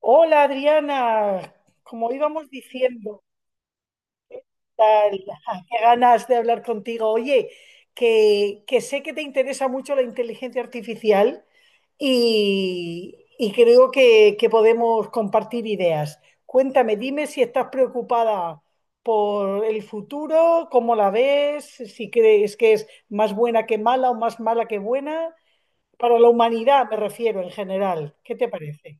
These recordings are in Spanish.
Hola Adriana, como íbamos diciendo, tal, qué ganas de hablar contigo. Oye, que sé que te interesa mucho la inteligencia artificial y creo que podemos compartir ideas. Cuéntame, dime si estás preocupada por el futuro, cómo la ves, si crees que es más buena que mala o más mala que buena. Para la humanidad me refiero en general. ¿Qué te parece?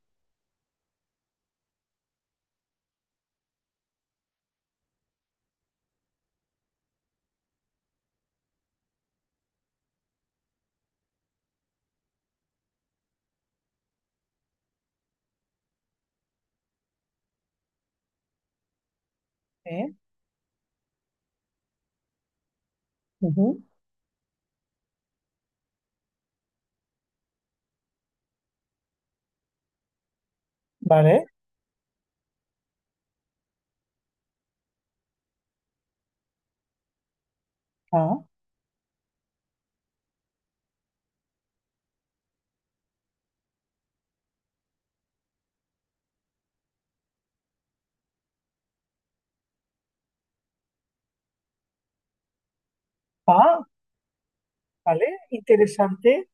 ¿Eh? Ujú. Vale. Ah. Ah, vale, interesante.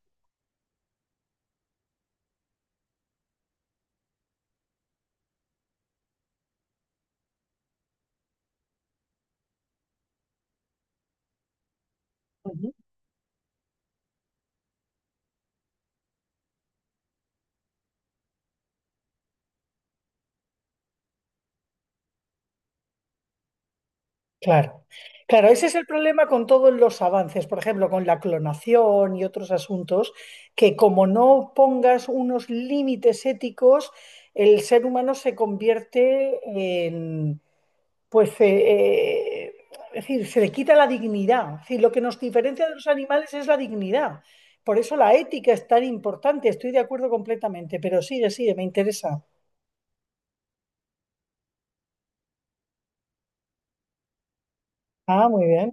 Ujú. Claro, claro, ese es el problema con todos los avances, por ejemplo, con la clonación y otros asuntos, que como no pongas unos límites éticos, el ser humano se convierte en, pues, es decir, se le quita la dignidad. Es decir, lo que nos diferencia de los animales es la dignidad. Por eso la ética es tan importante, estoy de acuerdo completamente, pero sigue, sigue, me interesa. Ah, muy bien,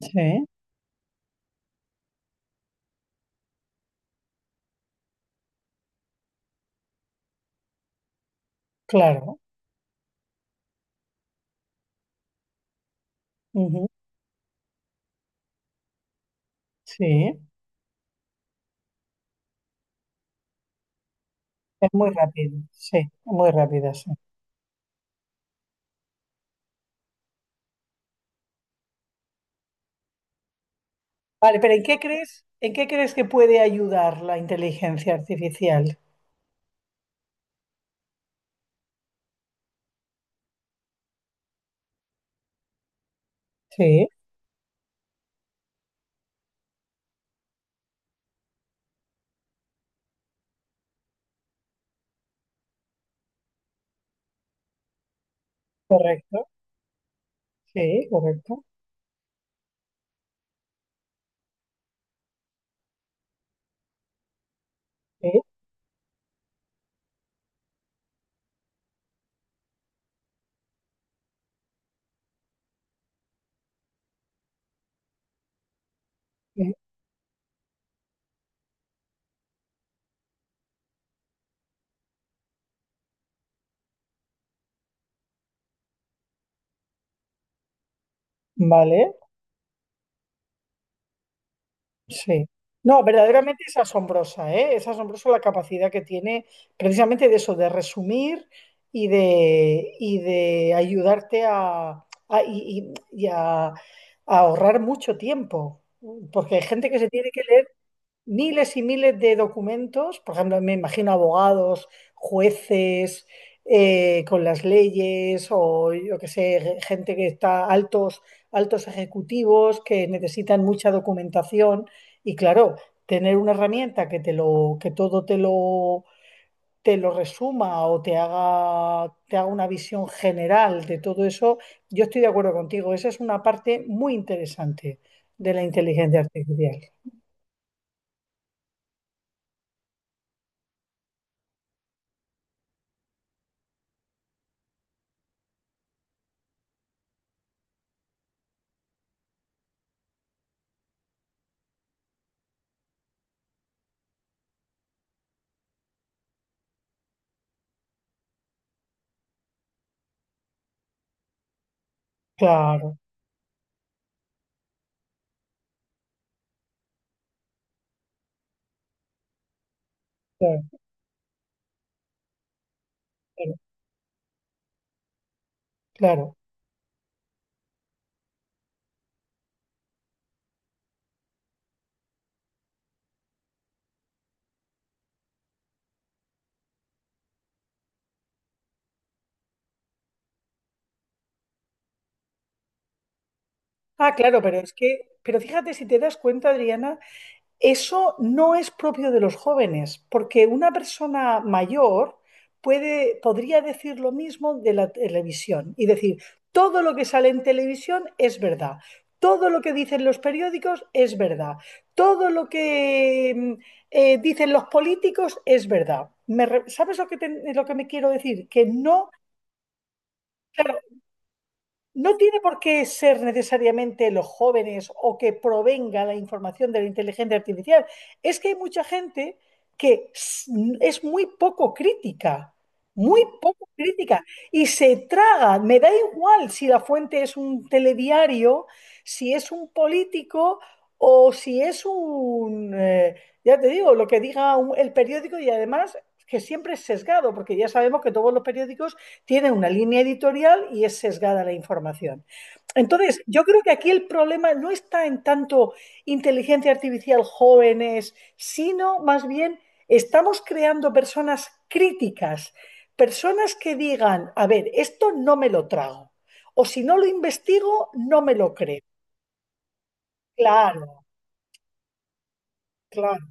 sí, claro. Ujú. Sí, es muy rápido, sí, muy rápida, sí. Vale, pero en qué crees que puede ayudar la inteligencia artificial? Sí, correcto, sí, correcto, sí, sí, vale, sí. No, verdaderamente es asombrosa, ¿eh? Es asombrosa la capacidad que tiene precisamente de eso, de resumir y de ayudarte a ahorrar mucho tiempo, porque hay gente que se tiene que leer miles y miles de documentos, por ejemplo, me imagino abogados, jueces, con las leyes o yo que sé, gente que está altos, altos ejecutivos que necesitan mucha documentación y claro, tener una herramienta que te lo, que todo te lo resuma o te haga una visión general de todo eso, yo estoy de acuerdo contigo, esa es una parte muy interesante de la inteligencia artificial. Claro, claro. Claro. Claro. Ah, claro, pero es que, pero fíjate si te das cuenta, Adriana, eso no es propio de los jóvenes, porque una persona mayor puede, podría decir lo mismo de la televisión y decir, todo lo que sale en televisión es verdad, todo lo que dicen los periódicos es verdad, todo lo que dicen los políticos es verdad. Me re- ¿sabes lo que, te- lo que me quiero decir? Que no... Claro, no tiene por qué ser necesariamente los jóvenes o que provenga la información de la inteligencia artificial. Es que hay mucha gente que es muy poco crítica, y se traga. Me da igual si la fuente es un telediario, si es un político o si es un, ya te digo, lo que diga un- el periódico y además que siempre es sesgado, porque ya sabemos que todos los periódicos tiene una línea editorial y es sesgada la información. Entonces, yo creo que aquí el problema no está en tanto inteligencia artificial jóvenes, sino más bien estamos creando personas críticas, personas que digan, a ver, esto no me lo trago, o si no lo investigo, no me lo creo. Claro, claro.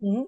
¿Mm?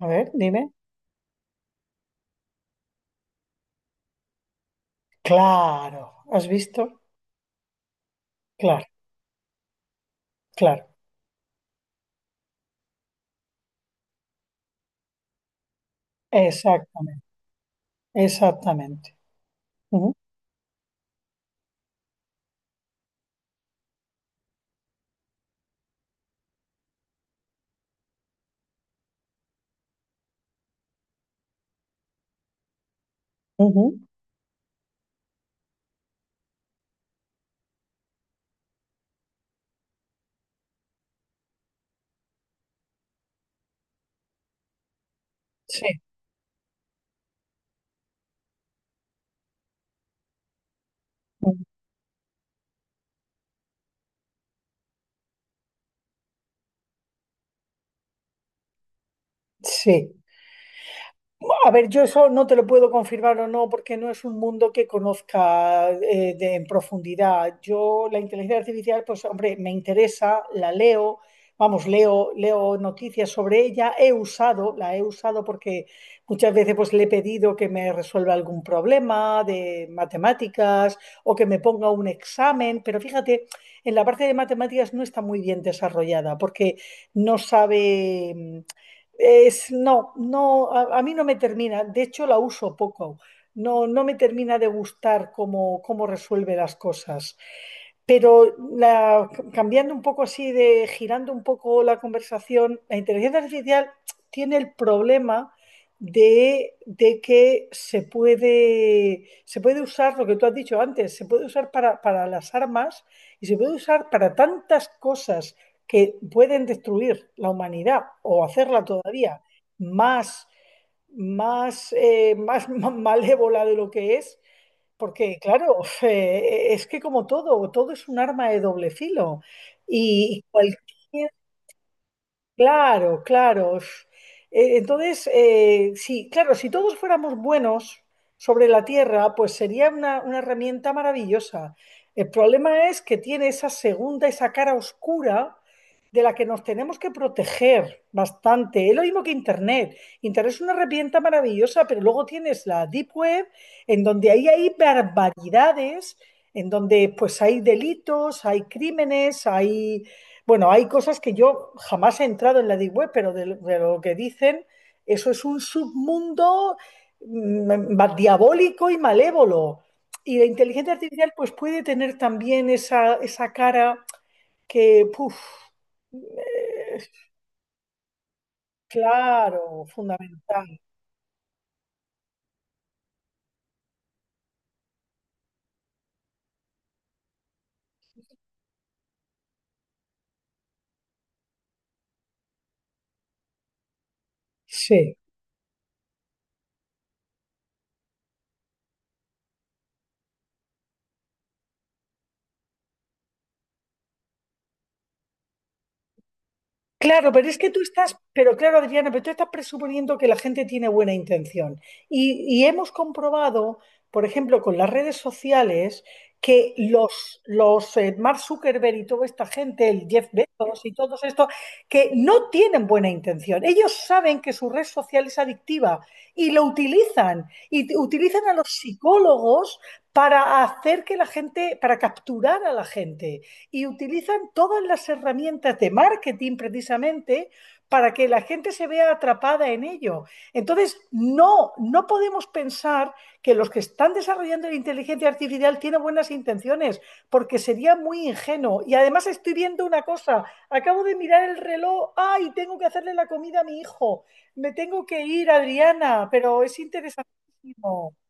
A ver, dime. Claro, ¿has visto? Claro, claro. Exactamente, exactamente. Ujú, ujú. Sí. Sí. A ver, yo eso no te lo puedo confirmar o no, porque no es un mundo que conozca de- en profundidad. Yo la inteligencia artificial, pues hombre, me interesa, la leo, vamos, leo, leo noticias sobre ella, he usado, la he usado porque muchas veces pues le he pedido que me resuelva algún problema de matemáticas o que me ponga un examen, pero fíjate, en la parte de matemáticas no está muy bien desarrollada porque no sabe. Es, no, no, a mí no me termina. De hecho, la uso poco. No, no me termina de gustar cómo, cómo resuelve las cosas. Pero la- cambiando un poco así de, girando un poco la conversación, la inteligencia artificial tiene el problema de que se puede usar lo que tú has dicho antes, se puede usar para las armas y se puede usar para tantas cosas que pueden destruir la humanidad o hacerla todavía más, más, más malévola de lo que es porque, claro, es que como todo, todo es un arma de doble filo. Y cualquier claro, claro. Entonces, sí, claro, si todos fuéramos buenos sobre la Tierra, pues sería una herramienta maravillosa. El problema es que tiene esa segunda, esa cara oscura de la que nos tenemos que proteger bastante. Es lo mismo que Internet. Internet es una herramienta maravillosa, pero luego tienes la Deep Web, en donde ahí hay barbaridades, en donde pues hay delitos, hay crímenes, hay bueno, hay cosas que yo jamás he entrado en la Deep Web, pero de lo que dicen, eso es un submundo ma- diabólico y malévolo. Y la inteligencia artificial pues puede tener también esa cara que, puf, eh, claro, fundamental. Sí. Claro, pero es que tú estás, pero claro, Adriana, pero tú estás presuponiendo que la gente tiene buena intención. Y hemos comprobado, por ejemplo, con las redes sociales, que los, los Mark Zuckerberg y toda esta gente, el Jeff Bezos y todos estos, que no tienen buena intención. Ellos saben que su red social es adictiva y lo utilizan. Y t- utilizan a los psicólogos para hacer que la gente, para capturar a la gente y utilizan todas las herramientas de marketing precisamente para que la gente se vea atrapada en ello. Entonces, no, no podemos pensar que los que están desarrollando la inteligencia artificial tienen buenas intenciones, porque sería muy ingenuo. Y además estoy viendo una cosa, acabo de mirar el reloj, ay, tengo que hacerle la comida a mi hijo, me tengo que ir, Adriana, pero es interesantísimo.